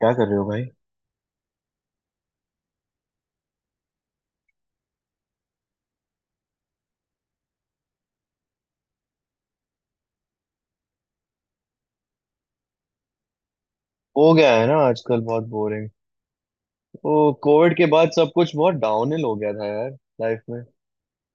क्या कर रहे हो भाई? हो गया है ना, आजकल बहुत बोरिंग। वो कोविड के बाद सब कुछ बहुत डाउनहिल हो गया था यार। लाइफ में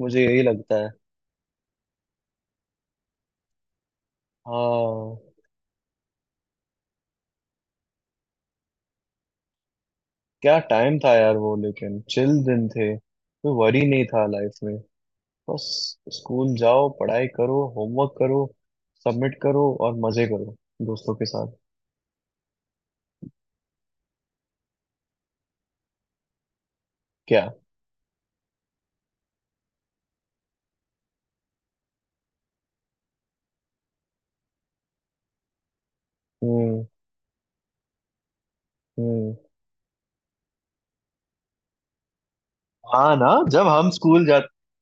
मुझे यही लगता है। हाँ। क्या टाइम था यार वो, लेकिन चिल दिन थे, कोई वरी नहीं था लाइफ में। बस स्कूल जाओ, पढ़ाई करो, होमवर्क करो, सबमिट करो और मजे करो दोस्तों के साथ। क्या? हम्म। हम्म। हाँ ना।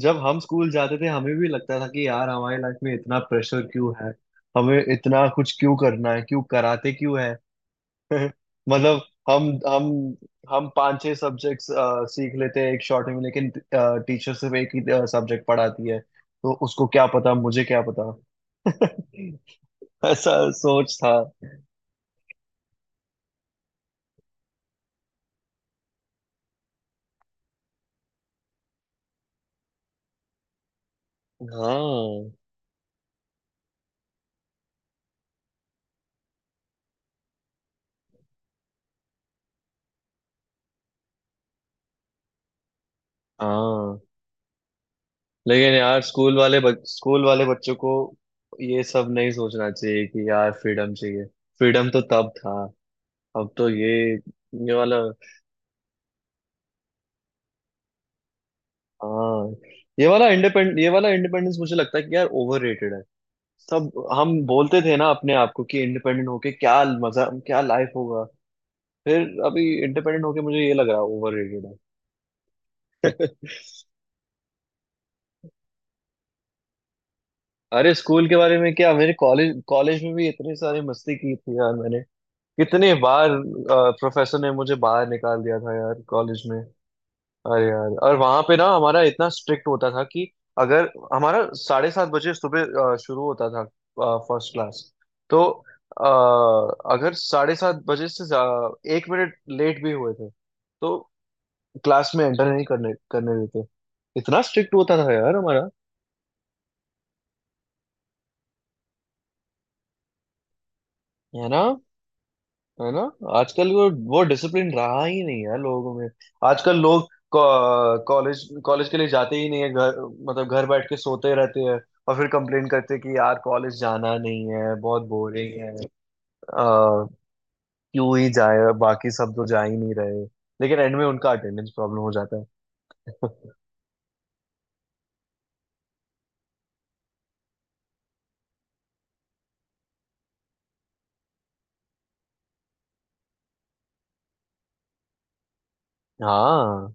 जब हम स्कूल जाते थे हमें भी लगता था कि यार हमारी लाइफ में इतना प्रेशर क्यों है। हमें इतना कुछ क्यों करना है, क्यों कराते क्यों है। मतलब हम हम पांच छह सब्जेक्ट्स सीख लेते हैं एक शॉर्ट में, लेकिन टीचर सिर्फ एक ही सब्जेक्ट पढ़ाती है, तो उसको क्या पता, मुझे क्या पता। ऐसा सोच था। हाँ। हाँ। लेकिन यार स्कूल वाले बच्चों को ये सब नहीं सोचना चाहिए कि यार फ्रीडम चाहिए। फ्रीडम तो तब था। अब तो ये वाला। हाँ, ये वाला इंडिपेंडेंस मुझे लगता है कि यार ओवररेटेड है सब। हम बोलते थे ना अपने आप को कि इंडिपेंडेंट होके क्या मजा, क्या लाइफ होगा। फिर अभी इंडिपेंडेंट होके मुझे ये लग रहा है ओवररेटेड है। अरे, स्कूल के बारे में क्या, मेरे कॉलेज कॉलेज में भी इतनी सारी मस्ती की थी यार मैंने। कितने बार प्रोफेसर ने मुझे बाहर निकाल दिया था यार कॉलेज में। अरे यार, और वहां पे ना, हमारा इतना स्ट्रिक्ट होता था कि अगर हमारा 7:30 बजे सुबह शुरू होता था फर्स्ट क्लास, तो अगर 7:30 बजे से 1 मिनट लेट भी हुए थे तो क्लास में एंटर नहीं करने करने देते। इतना स्ट्रिक्ट होता था यार हमारा। है ना? है ना? आजकल वो डिसिप्लिन रहा ही नहीं है लोगों में। आजकल लोग कॉलेज कॉलेज के लिए जाते ही नहीं है घर, मतलब घर बैठ के सोते रहते हैं, और फिर कंप्लेन करते हैं कि यार कॉलेज जाना नहीं है, बहुत बोरिंग है। आ, क्यों ही जाए, बाकी सब तो जा ही नहीं रहे। लेकिन एंड में उनका अटेंडेंस प्रॉब्लम हो जाता है। हाँ।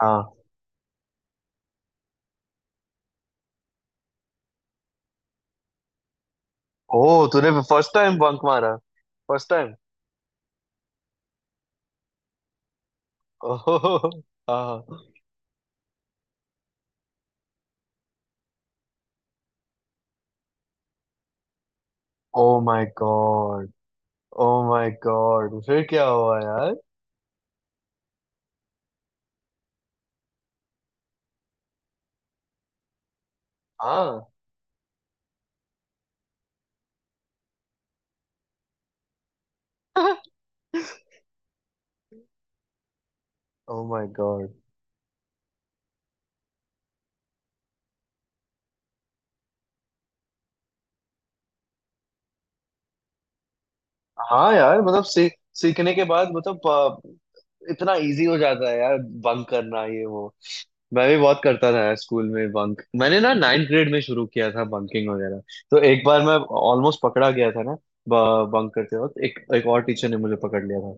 हाँ। ओ, तूने फर्स्ट टाइम बंक मारा? First time? ओह। हाँ। Oh my god. Oh my god, फिर क्या हुआ यार? हाँ। Oh my god. हाँ यार, मतलब सीखने के बाद मतलब इतना इजी हो जाता है यार, बंक करना, ये वो। मैं भी बहुत करता था यार स्कूल में बंक। मैंने ना नाइन्थ ग्रेड में शुरू किया था बंकिंग वगैरह। तो एक बार मैं ऑलमोस्ट पकड़ा गया था ना, बंक करते वक्त। एक एक और टीचर ने मुझे पकड़ लिया था,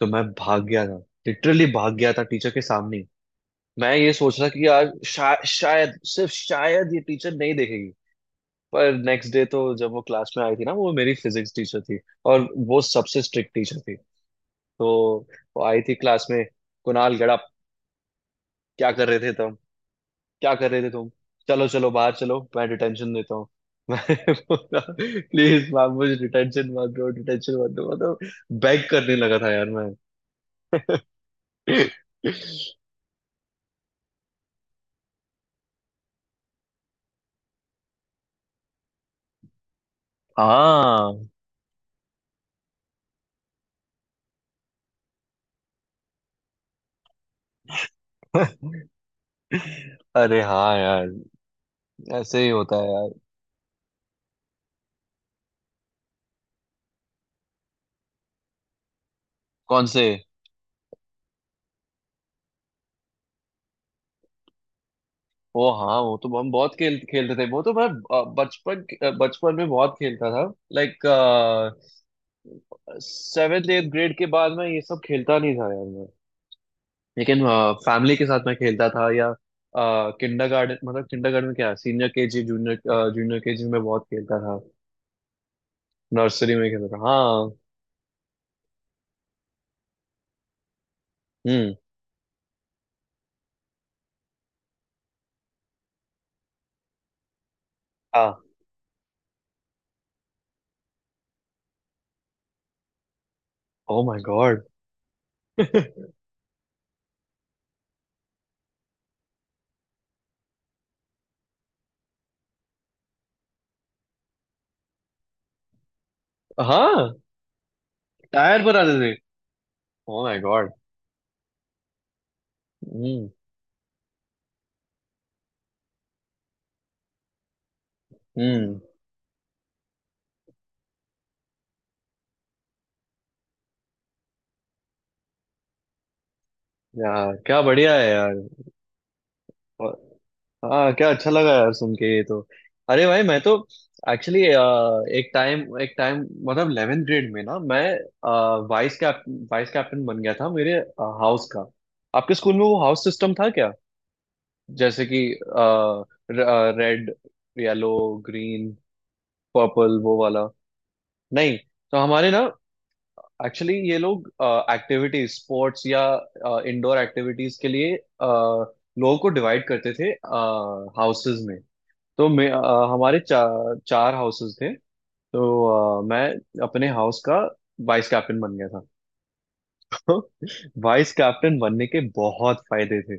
तो मैं भाग गया था। लिटरली भाग गया था टीचर के सामने ही। मैं ये सोच रहा कि यार, शायद, सिर्फ शायद, ये टीचर नहीं देखेगी। पर नेक्स्ट डे तो जब वो क्लास में आई थी ना, वो मेरी फिजिक्स टीचर थी, और वो सबसे स्ट्रिक्ट टीचर थी। तो वो आई थी क्लास में। "कुणाल गड़ा, क्या कर रहे थे तुम? क्या कर रहे थे तुम? चलो चलो बाहर, चलो मैं डिटेंशन देता हूँ।" मैं बोला, "प्लीज मैम, मुझे डिटेंशन मत दो, डिटेंशन मत दो।" मतलब बेग करने लगा था यार मैं। हाँ। अरे हाँ यार, ऐसे ही होता है यार। कौन से? वो हाँ, वो तो हम बहुत खेल खेलते थे। वो तो मैं बचपन में बहुत खेलता था। लाइक, सेवेंथ एट ग्रेड के बाद मैं ये सब खेलता नहीं था यार मैं। लेकिन फैमिली के साथ मैं खेलता था, या किंडरगार्टन, मतलब किंडरगार्टन में, क्या, senior KG, junior junior KG में बहुत खेलता था। नर्सरी में खेलता था, हाँ। हम्म। हाँ। Oh my god. हाँ, टायर बनाते थे। Oh my god. हम्म। हम्म। यार क्या बढ़िया है यार। हाँ, क्या अच्छा लगा यार सुन के ये तो। अरे भाई मैं तो एक्चुअली, एक टाइम, एक टाइम, मतलब 11th ग्रेड में ना मैं वाइस कैप्टन बन गया था मेरे हाउस का। आपके स्कूल में वो हाउस सिस्टम था क्या? जैसे कि रेड, येलो, ग्रीन, पर्पल, वो वाला? नहीं। तो हमारे ना एक्चुअली, ये लोग एक्टिविटीज, स्पोर्ट्स या इंडोर एक्टिविटीज के लिए अ, लोगों को डिवाइड करते थे हाउसेज में। तो हमारे चार हाउसेस थे। तो मैं अपने हाउस का वाइस कैप्टन बन गया था। तो वाइस कैप्टन बनने के बहुत फायदे थे।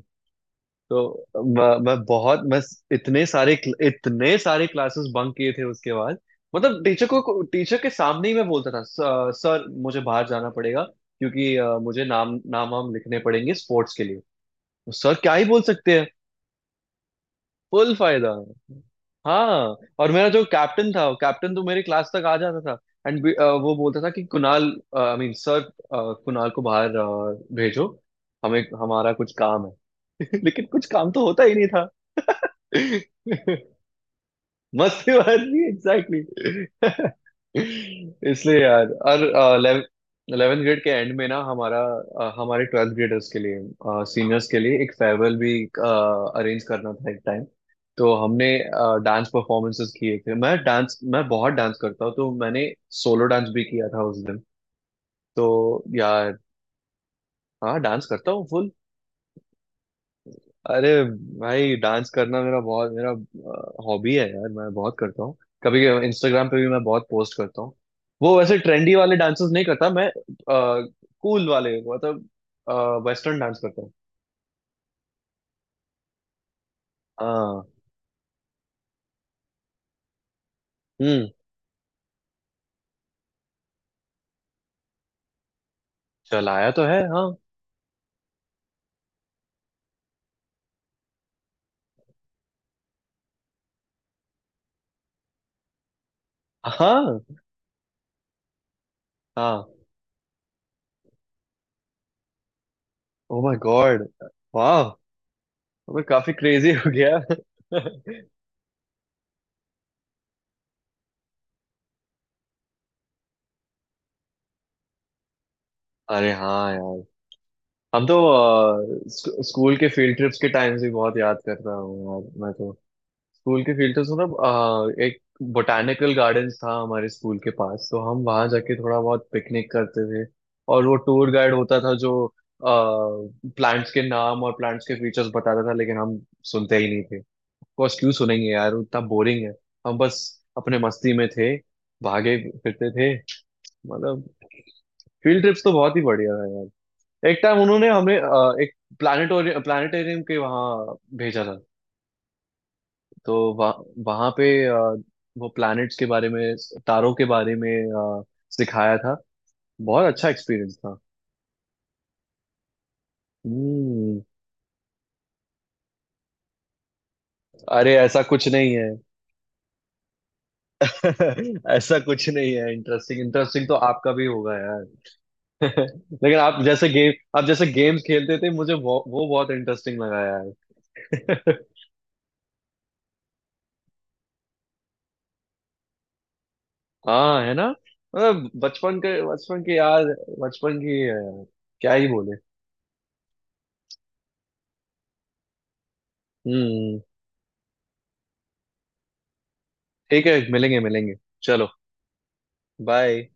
तो मैं बहुत, मैं इतने सारे क्लासेस बंक किए थे उसके बाद। मतलब टीचर के सामने ही मैं बोलता था, सर, मुझे बाहर जाना पड़ेगा क्योंकि मुझे नाम नाम वाम लिखने पड़ेंगे स्पोर्ट्स के लिए।" तो सर क्या ही बोल सकते हैं। फुल फायदा। हाँ। और मेरा जो कैप्टन था, कैप्टन तो मेरे क्लास तक आ जाता था, एंड वो बोलता था कि, "Kunal, I mean sir, Kunal को बाहर भेजो, हमें हमारा कुछ काम है।" लेकिन कुछ काम तो होता ही नहीं था। मस्ती बात नहीं, एग्जैक्टली। इसलिए यार। और 11th ग्रेड के एंड में ना हमारा, हमारे 12th ग्रेडर्स के लिए, सीनियर्स के लिए एक फेयरवेल भी अरेंज करना था एक टाइम। तो हमने डांस परफॉर्मेंसेस किए थे। मैं बहुत डांस करता हूँ, तो मैंने सोलो डांस भी किया था उस दिन। तो यार, हाँ डांस करता हूँ। अरे भाई, डांस करना मेरा बहुत, मेरा हॉबी है यार, मैं बहुत करता हूँ। कभी इंस्टाग्राम पे भी मैं बहुत पोस्ट करता हूँ। वो वैसे ट्रेंडी वाले डांसेस नहीं करता मैं, कूल वाले, मतलब वेस्टर्न डांस करता हूँ। हाँ। हम्म। चलाया तो है, हाँ। हाँ। हाँ। ओ माय गॉड, वाह, मैं काफी क्रेजी हो गया। अरे हाँ यार। हम तो स्कूल के फील्ड ट्रिप्स के टाइम्स भी बहुत याद करता हूँ यार मैं तो। स्कूल के फील्ड, तो मतलब एक बोटैनिकल गार्डन्स था हमारे स्कूल के पास, तो हम वहां जाके थोड़ा बहुत पिकनिक करते थे। और वो टूर गाइड होता था जो प्लांट्स के नाम और प्लांट्स के फीचर्स बताता था, लेकिन हम सुनते ही नहीं थे। कोर्स क्यों सुनेंगे यार, वो इतना बोरिंग है। हम बस अपने मस्ती में थे, भागे फिरते थे, मतलब फील्ड ट्रिप्स तो बहुत ही बढ़िया है यार। एक टाइम उन्होंने हमें एक प्लानिटोरियम प्लानिटेरियम के वहाँ भेजा था। तो वहाँ पे वो प्लैनेट्स के बारे में, तारों के बारे में अ, सिखाया था। बहुत अच्छा एक्सपीरियंस था। हम्म। अरे ऐसा कुछ नहीं है। ऐसा कुछ नहीं है, इंटरेस्टिंग इंटरेस्टिंग तो आपका भी होगा यार। लेकिन आप जैसे गेम्स खेलते थे मुझे, वो बहुत इंटरेस्टिंग लगा यार। हाँ, है ना। मतलब बचपन के, बचपन की याद, बचपन की क्या ही बोले। हम्म। ठीक है, मिलेंगे मिलेंगे। चलो। बाय।